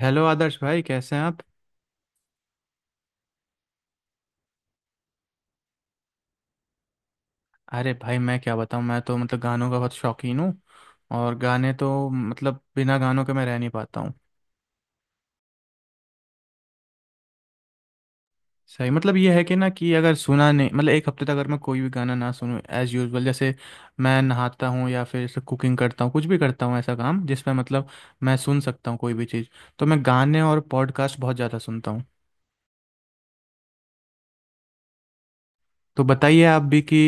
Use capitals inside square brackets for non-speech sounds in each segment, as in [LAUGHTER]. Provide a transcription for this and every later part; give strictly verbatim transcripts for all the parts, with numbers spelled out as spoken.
Hello Adarsh भाई, कैसे हैं आप? अरे भाई, मैं क्या बताऊं, मैं तो मतलब गानों का बहुत शौकीन हूँ। और गाने तो मतलब बिना गानों के मैं रह नहीं पाता हूँ। सही मतलब ये है कि ना, कि अगर सुना नहीं, मतलब एक हफ्ते तक अगर मैं कोई भी गाना ना सुनूं एज यूजुअल, जैसे मैं नहाता हूँ या फिर जैसे कुकिंग करता हूँ, कुछ भी करता हूँ ऐसा काम जिसमें मतलब मैं सुन सकता हूँ कोई भी चीज़, तो मैं गाने और पॉडकास्ट बहुत ज़्यादा सुनता हूँ। तो बताइए आप भी कि।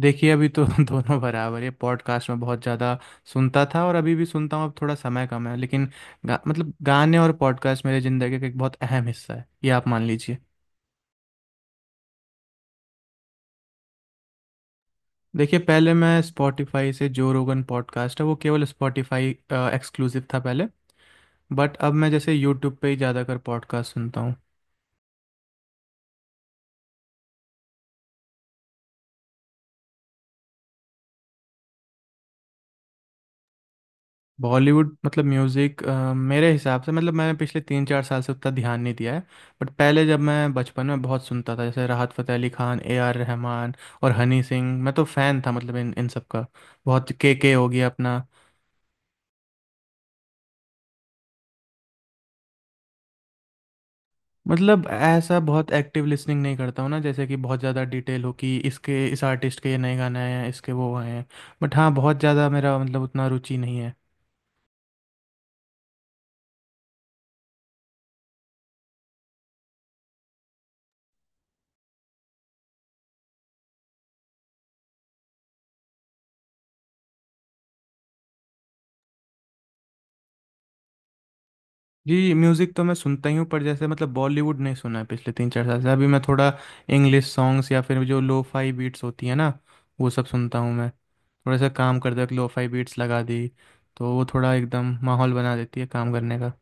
देखिए, अभी तो [LAUGHS] दोनों बराबर है। पॉडकास्ट में बहुत ज़्यादा सुनता था और अभी भी सुनता हूँ, अब थोड़ा समय कम है, लेकिन गा, मतलब गाने और पॉडकास्ट मेरे ज़िंदगी का एक बहुत अहम हिस्सा है, ये आप मान लीजिए। देखिए, पहले मैं स्पॉटिफाई से, जो रोगन पॉडकास्ट है, वो केवल स्पॉटिफाई एक्सक्लूसिव था पहले। बट अब मैं जैसे यूट्यूब पे ही ज़्यादातर पॉडकास्ट सुनता हूँ। बॉलीवुड मतलब म्यूज़िक, मेरे हिसाब से मतलब मैंने पिछले तीन चार साल से उतना ध्यान नहीं दिया है। बट पहले जब मैं बचपन में बहुत सुनता था, जैसे राहत फ़तेह अली खान, ए आर रहमान और हनी सिंह, मैं तो फ़ैन था मतलब इन इन सब का। बहुत के के हो गया अपना। मतलब ऐसा बहुत एक्टिव लिसनिंग नहीं करता हूँ ना, जैसे कि बहुत ज़्यादा डिटेल हो कि इसके, इस आर्टिस्ट के ये नए गाने आए हैं, इसके वो आए हैं। बट हाँ, बहुत ज़्यादा मेरा मतलब उतना रुचि नहीं है। जी, म्यूज़िक तो मैं सुनता ही हूँ, पर जैसे मतलब बॉलीवुड नहीं सुना है पिछले तीन चार साल से। अभी मैं थोड़ा इंग्लिश सॉन्ग्स या फिर जो लो फाई बीट्स होती है ना, वो सब सुनता हूँ मैं। थोड़ा सा काम करते वक्त लो फाई बीट्स लगा दी, तो वो थोड़ा एकदम माहौल बना देती है काम करने का।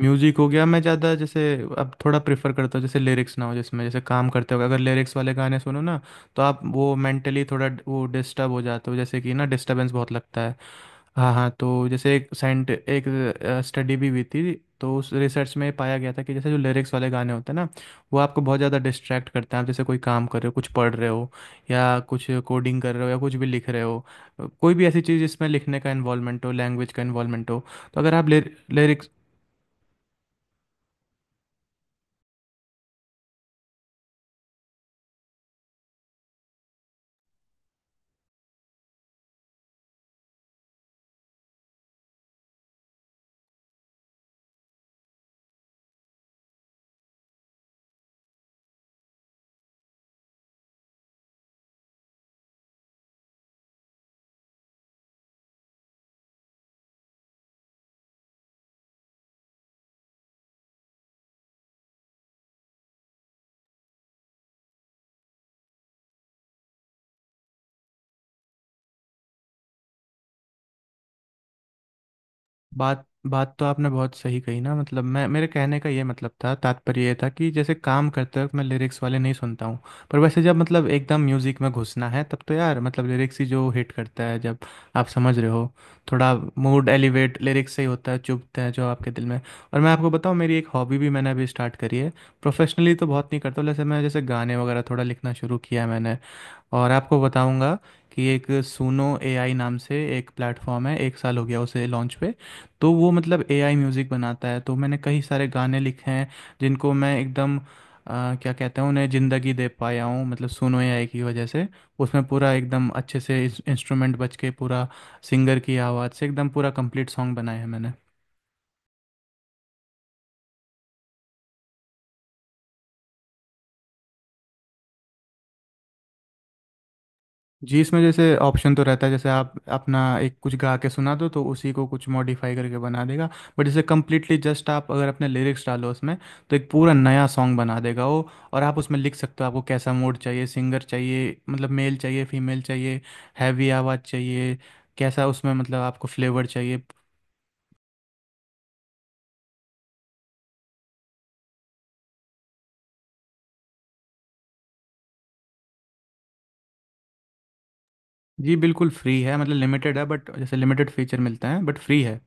म्यूज़िक हो गया मैं ज़्यादा जैसे अब थोड़ा प्रेफर करता हूँ जैसे लिरिक्स ना हो जिसमें, जैसे काम करते वक्त अगर लिरिक्स वाले गाने सुनो ना, तो आप वो मेंटली थोड़ा ड- वो डिस्टर्ब हो जाते हो, जैसे कि ना, डिस्टर्बेंस बहुत लगता है। हाँ हाँ, तो जैसे एक साइंट एक स्टडी भी हुई थी, तो उस रिसर्च में पाया गया था कि जैसे जो लिरिक्स वाले गाने होते हैं ना, वो आपको बहुत ज़्यादा डिस्ट्रैक्ट करते हैं। आप जैसे कोई काम कर रहे हो, कुछ पढ़ रहे हो या कुछ कोडिंग कर रहे हो या कुछ भी लिख रहे हो, कोई भी ऐसी चीज़ जिसमें लिखने का इन्वॉल्वमेंट हो, लैंग्वेज का इन्वॉल्वमेंट हो, तो अगर आप लिरिक्स। बात बात तो आपने बहुत सही कही ना। मतलब मैं मेरे कहने का ये मतलब था, तात्पर्य ये था कि जैसे काम करते वक्त मैं लिरिक्स वाले नहीं सुनता हूँ। पर वैसे जब मतलब एकदम म्यूजिक में घुसना है, तब तो यार मतलब लिरिक्स ही जो हिट करता है जब, आप समझ रहे हो। थोड़ा मूड एलिवेट लिरिक्स से ही होता है, चुभते हैं जो आपके दिल में। और मैं आपको बताऊँ, मेरी एक हॉबी भी मैंने अभी स्टार्ट करी है, प्रोफेशनली तो बहुत नहीं करता हूँ, जैसे मैं जैसे गाने वगैरह थोड़ा लिखना शुरू किया है मैंने। और आपको बताऊंगा कि एक सुनो एआई नाम से एक प्लेटफॉर्म है, एक साल हो गया उसे लॉन्च पे। तो वो मतलब एआई म्यूज़िक बनाता है, तो मैंने कई सारे गाने लिखे हैं जिनको मैं एकदम, अ, क्या कहते हैं उन्हें, ज़िंदगी दे पाया हूँ, मतलब सुनो एआई की वजह से। उसमें पूरा एकदम अच्छे से इंस्ट्रूमेंट बज के, पूरा सिंगर की आवाज़ से, एकदम पूरा कंप्लीट सॉन्ग बनाया है मैंने। जी, इसमें जैसे ऑप्शन तो रहता है, जैसे आप अपना एक कुछ गा के सुना दो, तो उसी को कुछ मॉडिफाई करके बना देगा। बट जैसे कम्प्लीटली जस्ट, आप अगर अपने लिरिक्स डालो उसमें, तो एक पूरा नया सॉन्ग बना देगा वो। और आप उसमें लिख सकते हो आपको कैसा मूड चाहिए, सिंगर चाहिए, मतलब मेल चाहिए, फीमेल चाहिए, हैवी आवाज़ चाहिए, कैसा उसमें मतलब आपको फ्लेवर चाहिए। जी, बिल्कुल फ्री है। मतलब लिमिटेड है, बट जैसे लिमिटेड फीचर मिलते हैं, बट फ्री है।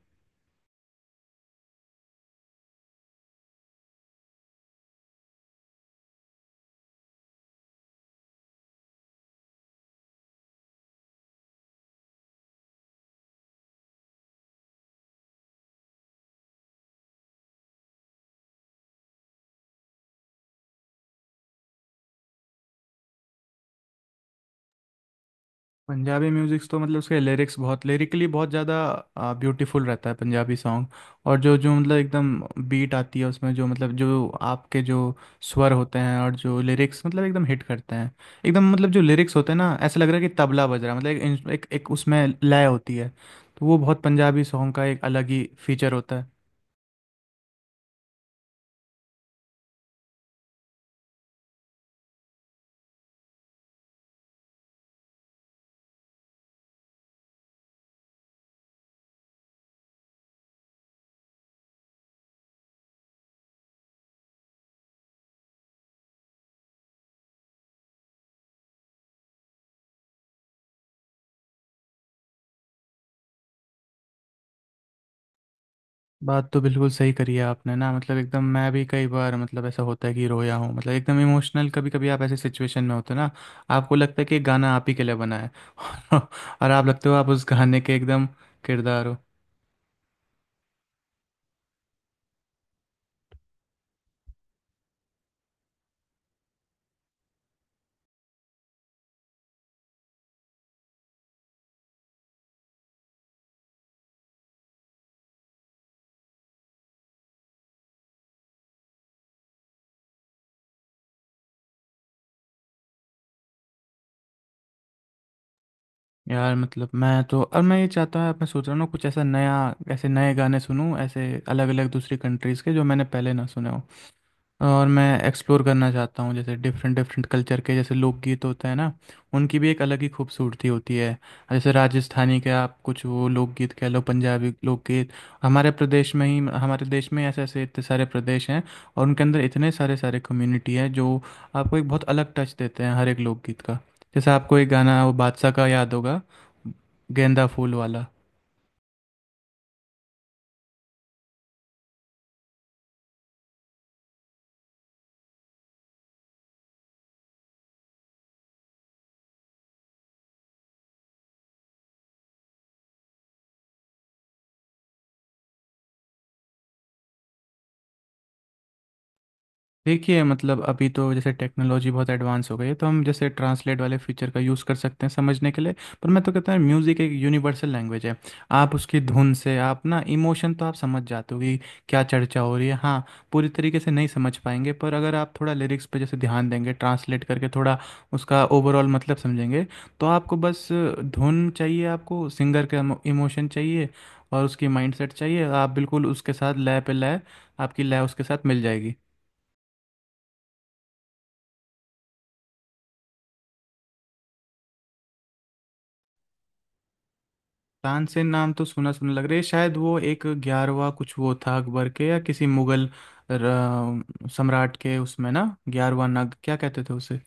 पंजाबी म्यूजिक्स तो मतलब उसके लिरिक्स बहुत लिरिकली बहुत ज़्यादा ब्यूटीफुल रहता है, पंजाबी सॉन्ग। और जो जो मतलब एकदम बीट आती है उसमें, जो मतलब जो आपके जो स्वर होते हैं और जो लिरिक्स मतलब एकदम हिट करते हैं, एकदम मतलब जो लिरिक्स होते हैं ना, ऐसा लग रहा है कि तबला बज रहा है। मतलब एक इंस- एक, एक उसमें लय होती है, तो वो बहुत पंजाबी सॉन्ग का एक अलग ही फीचर होता है। बात तो बिल्कुल सही करी है आपने ना, मतलब एकदम मैं भी कई बार मतलब ऐसा होता है कि रोया हूँ, मतलब एकदम इमोशनल। कभी कभी आप ऐसे सिचुएशन में होते हो ना, आपको लगता है कि ये गाना आप ही के लिए बना है। [LAUGHS] और आप लगते हो आप उस गाने के एकदम किरदार हो। यार मतलब मैं तो, और मैं ये चाहता हूँ, मैं सोच रहा हूँ ना कुछ ऐसा नया, ऐसे नए गाने सुनूँ ऐसे अलग अलग दूसरी कंट्रीज़ के, जो मैंने पहले ना सुने हो। और मैं एक्सप्लोर करना चाहता हूँ जैसे डिफरेंट डिफरेंट कल्चर के, जैसे लोकगीत होते हैं ना, उनकी भी एक अलग ही खूबसूरती होती है। जैसे राजस्थानी के आप कुछ वो लोकगीत कह लो, पंजाबी लोकगीत। हमारे प्रदेश में ही, हमारे देश में ऐसे ऐसे इतने सारे प्रदेश हैं, और उनके अंदर इतने सारे सारे कम्युनिटी हैं जो आपको एक बहुत अलग टच देते हैं, हर एक लोकगीत का। जैसे आपको एक गाना वो बादशाह का याद होगा, गेंदा फूल वाला। देखिए, मतलब अभी तो जैसे टेक्नोलॉजी बहुत एडवांस हो गई है, तो हम जैसे ट्रांसलेट वाले फीचर का यूज़ कर सकते हैं समझने के लिए। पर मैं तो कहता हूँ म्यूज़िक एक यूनिवर्सल लैंग्वेज है। आप उसकी धुन से, आप ना इमोशन तो आप समझ जाते हो कि क्या चर्चा हो रही है। हाँ, पूरी तरीके से नहीं समझ पाएंगे, पर अगर आप थोड़ा लिरिक्स पे जैसे ध्यान देंगे, ट्रांसलेट करके थोड़ा उसका ओवरऑल मतलब समझेंगे, तो आपको बस धुन चाहिए, आपको सिंगर का इमोशन चाहिए और उसकी माइंडसेट चाहिए, आप बिल्कुल उसके साथ लय पे लय, आपकी लय उसके साथ मिल जाएगी। तानसेन नाम तो सुना सुना लग रहा है, शायद वो एक ग्यारहवा कुछ वो था अकबर के या किसी मुगल र- सम्राट के, उसमें ना ग्यारहवा नग क्या कहते थे उसे।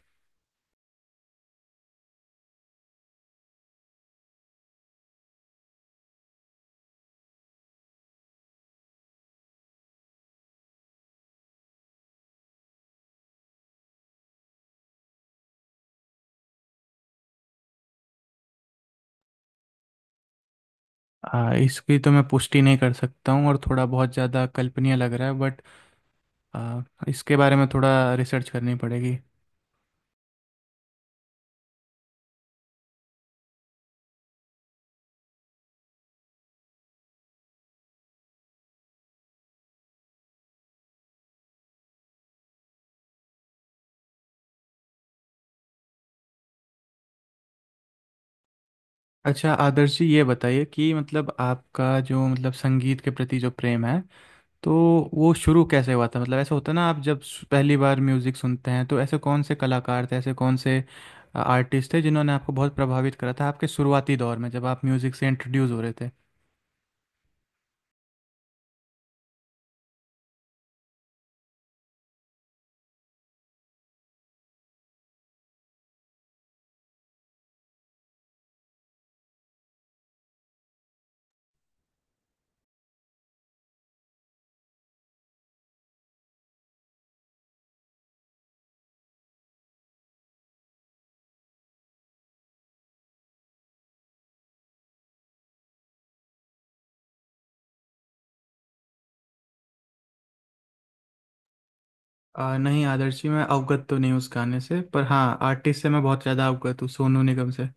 आ, इसकी तो मैं पुष्टि नहीं कर सकता हूँ, और थोड़ा बहुत ज़्यादा कल्पनीय लग रहा है, बट आ, इसके बारे में थोड़ा रिसर्च करनी पड़ेगी। अच्छा आदर्श जी, ये बताइए कि मतलब आपका जो, मतलब संगीत के प्रति जो प्रेम है, तो वो शुरू कैसे हुआ था? मतलब ऐसा होता है ना, आप जब सु- पहली बार म्यूज़िक सुनते हैं, तो ऐसे कौन से कलाकार थे, ऐसे कौन से आर्टिस्ट थे जिन्होंने आपको बहुत प्रभावित करा था आपके शुरुआती दौर में, जब आप म्यूज़िक से इंट्रोड्यूस हो रहे थे? आ, नहीं आदर्श जी, मैं अवगत तो नहीं हूँ उस गाने से, पर हाँ आर्टिस्ट से मैं बहुत ज़्यादा अवगत हूँ, सोनू निगम से।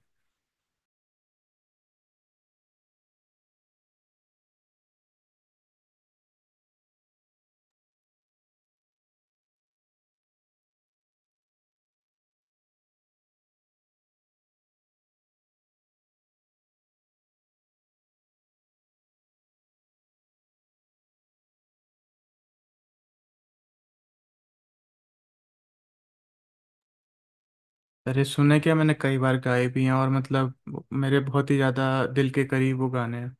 अरे सुने क्या, मैंने कई बार गाए भी हैं, और मतलब मेरे बहुत ही ज़्यादा दिल के करीब वो गाने हैं।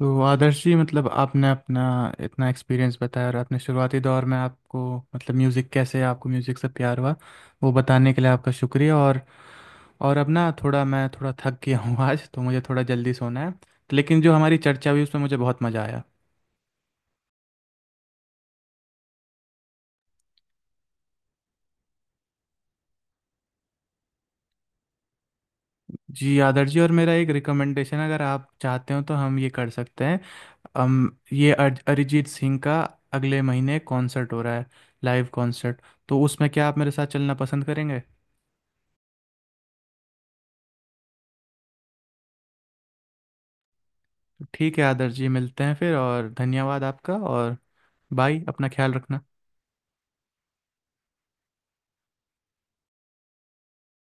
तो आदर्श जी, मतलब आपने अपना इतना एक्सपीरियंस बताया, और अपने शुरुआती दौर में आपको मतलब म्यूज़िक कैसे, आपको म्यूज़िक से प्यार हुआ, वो बताने के लिए आपका शुक्रिया। और और अब ना थोड़ा, मैं थोड़ा थक गया हूँ [LAUGHS] आज तो मुझे थोड़ा जल्दी सोना है, लेकिन जो हमारी चर्चा हुई उसमें मुझे बहुत मज़ा आया। जी आदर्श जी, और मेरा एक रिकमेंडेशन, अगर आप चाहते हो तो हम ये कर सकते हैं। हम ये अर- अरिजीत सिंह का अगले महीने कॉन्सर्ट हो रहा है, लाइव कॉन्सर्ट। तो उसमें क्या आप मेरे साथ चलना पसंद करेंगे? ठीक है आदर्श जी, मिलते हैं फिर, और धन्यवाद आपका। और बाय, अपना ख्याल रखना।